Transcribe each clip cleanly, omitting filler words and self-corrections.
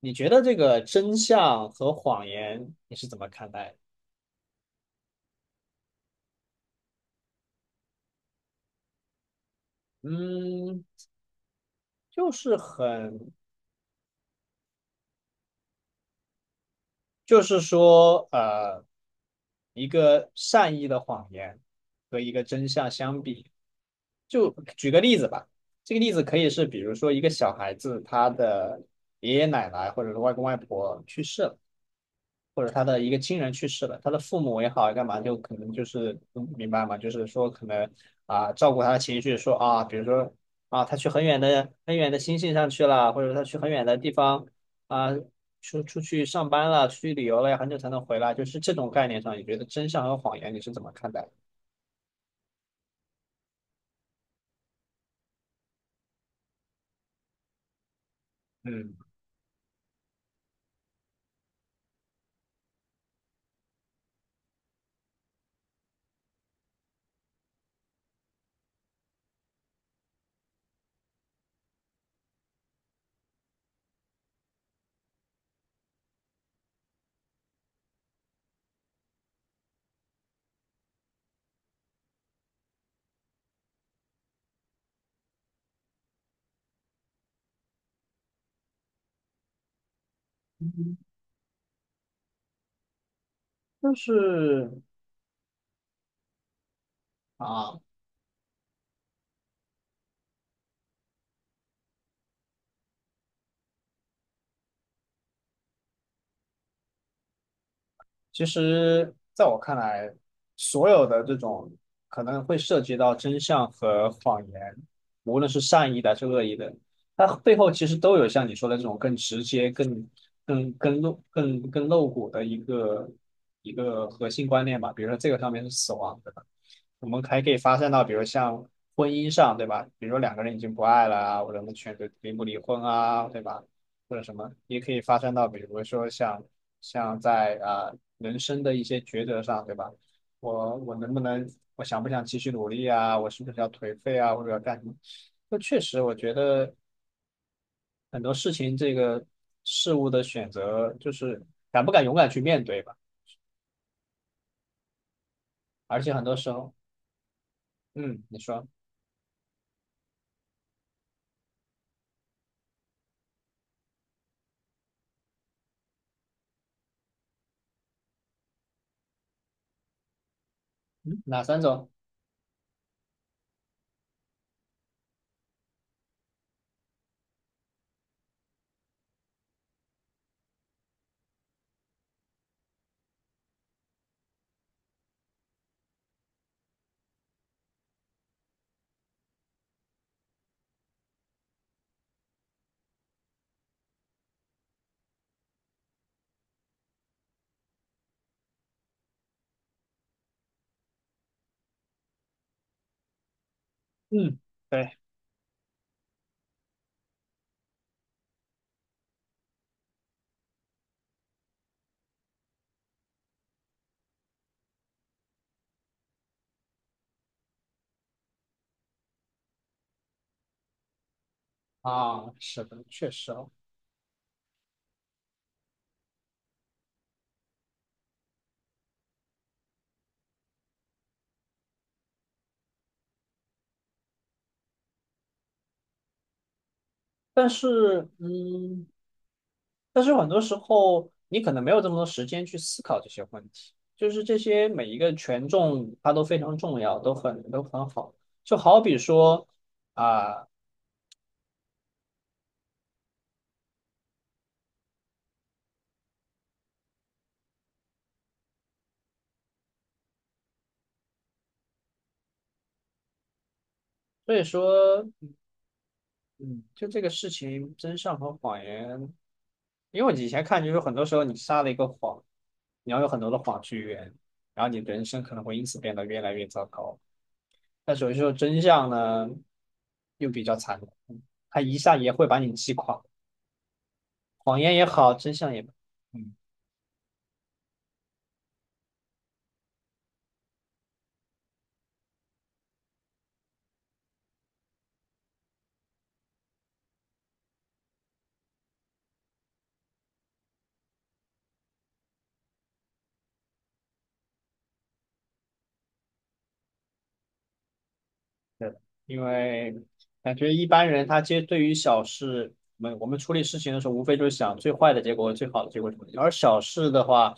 你觉得这个真相和谎言你是怎么看待的？嗯，就是很，就是说，一个善意的谎言和一个真相相比，就举个例子吧。这个例子可以是，比如说一个小孩子他的爷爷奶奶或者是外公外婆去世了。或者他的一个亲人去世了，他的父母也好，干嘛就可能就是明白吗？就是说可能啊，照顾他的情绪，说啊，比如说啊，他去很远的很远的星星上去了，或者他去很远的地方啊，出去上班了，出去旅游了，要很久才能回来，就是这种概念上，你觉得真相和谎言你是怎么看待的？嗯，就是。啊。其实，在我看来，所有的这种可能会涉及到真相和谎言，无论是善意的还是恶意的，它背后其实都有像你说的这种更直接、更露、更露骨的一个核心观念吧。比如说这个上面是死亡，对吧？我们还可以发散到，比如像婚姻上，对吧？比如说两个人已经不爱了啊，我们选择离不离婚啊，对吧？或者什么，也可以发散到，比如说像在啊、人生的一些抉择上，对吧？我能不能，我想不想继续努力啊？我是不是要颓废啊？或者要干什么？那确实，我觉得很多事情，这个事物的选择就是敢不敢勇敢去面对吧。而且很多时候，嗯，你说，嗯，哪三种？嗯，对啊，是的，确实哦。但是，嗯。但是很多时候你可能没有这么多时间去思考这些问题，就是这些每一个权重它都非常重要，都很好。就好比说啊，所以说，嗯，就这个事情，真相和谎言，因为我以前看就是很多时候你撒了一个谎，你要有很多的谎去圆，然后你的人生可能会因此变得越来越糟糕。但是有时候真相呢，又比较残酷，它一下也会把你击垮，谎言也好，真相也。嗯。对，因为感觉一般人他对于小事，我们处理事情的时候，无非就是想最坏的结果、最好的结果什么的。而小事的话，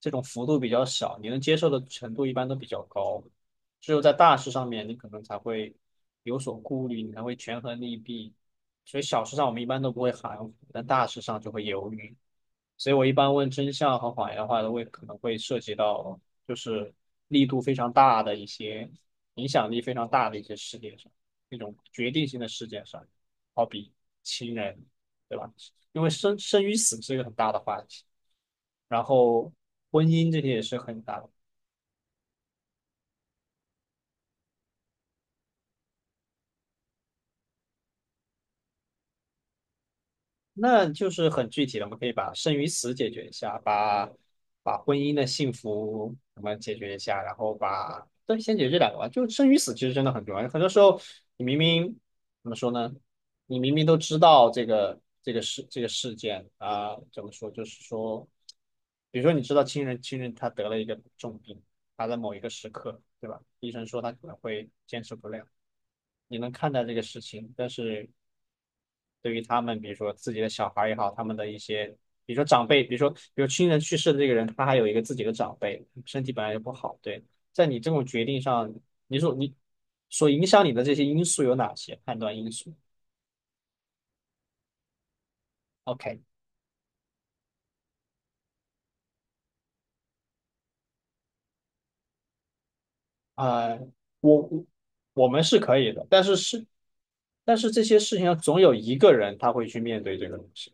这种幅度比较小，你能接受的程度一般都比较高。只有在大事上面，你可能才会有所顾虑，你才会权衡利弊。所以小事上我们一般都不会含糊，但大事上就会犹豫。所以我一般问真相和谎言的话，都会可能会涉及到就是力度非常大的一些影响力非常大的一些事件上，那种决定性的事件上，好比亲人，对吧？因为生与死是一个很大的话题，然后婚姻这些也是很大的，那就是很具体的，我们可以把生与死解决一下，把婚姻的幸福我们解决一下，然后把对先解决这两个吧。就生与死其实真的很重要，很多时候你明明怎么说呢？你明明都知道这个这个事这个事件啊、怎么说？就是说，比如说你知道亲人他得了一个重病，他在某一个时刻，对吧？医生说他可能会坚持不了，你能看待这个事情，但是。对于他们，比如说自己的小孩儿也好，他们的一些，比如说长辈，比如亲人去世的这个人，他还有一个自己的长辈，身体本来就不好，对，在你这种决定上，你说你所影响你的这些因素有哪些判断因素？OK，呃，我我我们是可以的，但是但是这些事情总有一个人他会去面对这个东西。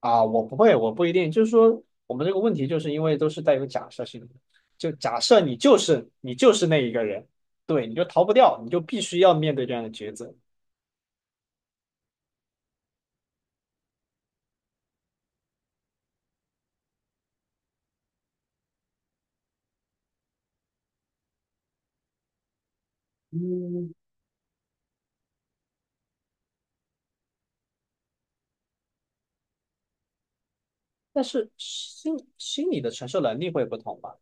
啊，我不会，我不一定。就是说，我们这个问题就是因为都是带有假设性的，就假设你就是你就是那一个人，对，你就逃不掉，你就必须要面对这样的抉择。嗯，但是心理的承受能力会不同吧？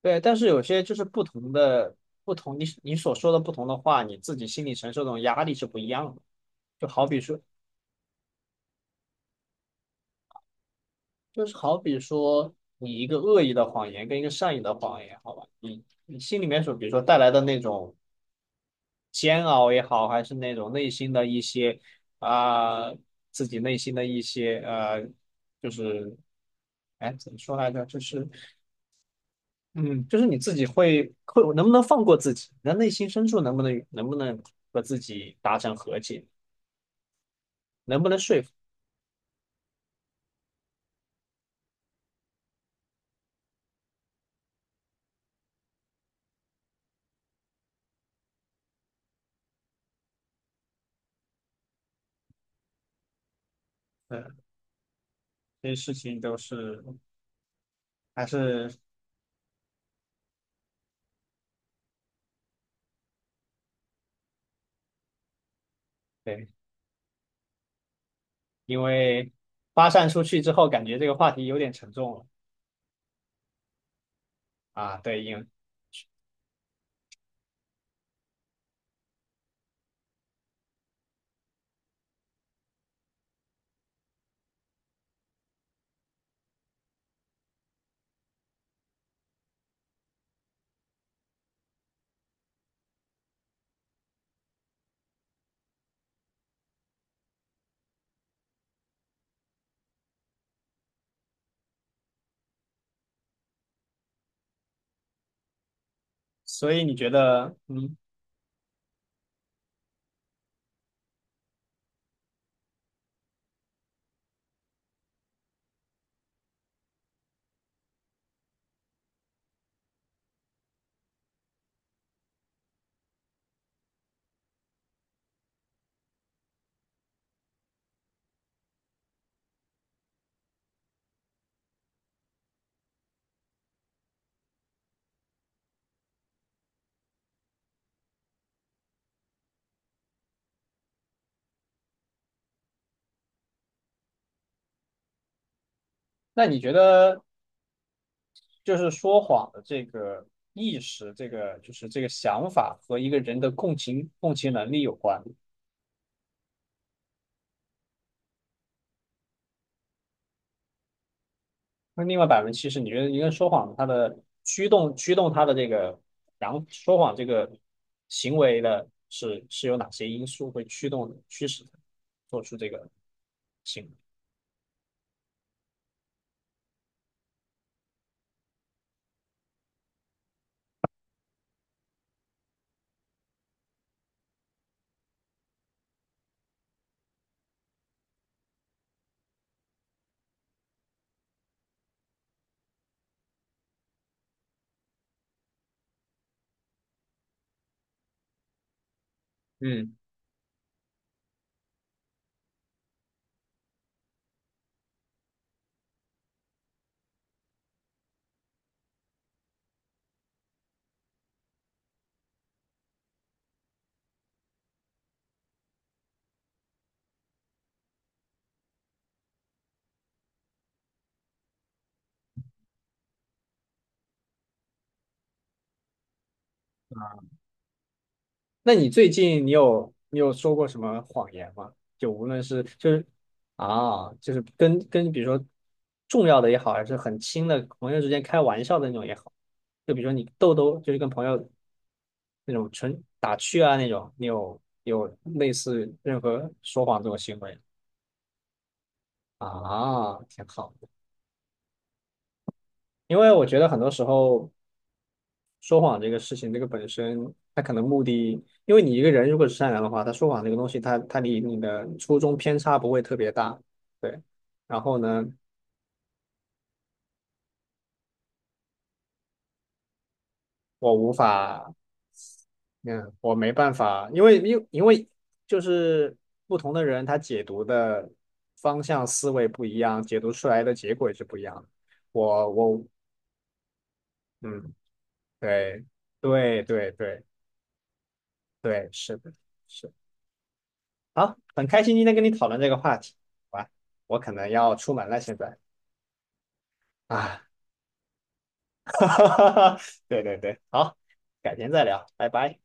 对，但是有些就是不同的不同，你所说的不同的话，你自己心理承受这种压力是不一样的。就好比说，就是好比说你一个恶意的谎言跟一个善意的谎言，好吧？你心里面所比如说带来的那种煎熬也好，还是那种内心的一些啊、自己内心的一些就是哎怎么说来着？就是嗯，就是你自己会能不能放过自己？那内心深处能不能和自己达成和解？能不能说服？嗯，这些事情都是还是对，因为发散出去之后，感觉这个话题有点沉重了。啊。对，所以你觉得那你觉得？就是说谎的这个意识，这个就是这个想法和一个人的共情能力有关。那另外70%，你觉得一个人说谎，他的驱动他的这个，然后说谎这个行为的是有哪些因素会驱动驱使他做出这个行为？嗯。那你最近你有说过什么谎言吗？就无论是就是啊，就是跟比如说重要的也好，还是很亲的朋友之间开玩笑的那种也好，就比如说你豆豆就是跟朋友那种纯打趣啊那种，你有类似任何说谎这种行为？啊，挺好的。因为我觉得很多时候说谎这个事情，这个本身他可能目的，因为你一个人如果是善良的话，他说谎这个东西，他离你的初衷偏差不会特别大，对。然后呢，我无法，嗯，我没办法，因为就是不同的人他解读的方向思维不一样，解读出来的结果也是不一样的。我嗯，对对对对对，是的，是。好，很开心今天跟你讨论这个话题。好吧，我可能要出门了，现在啊，对对对，好，改天再聊，拜拜。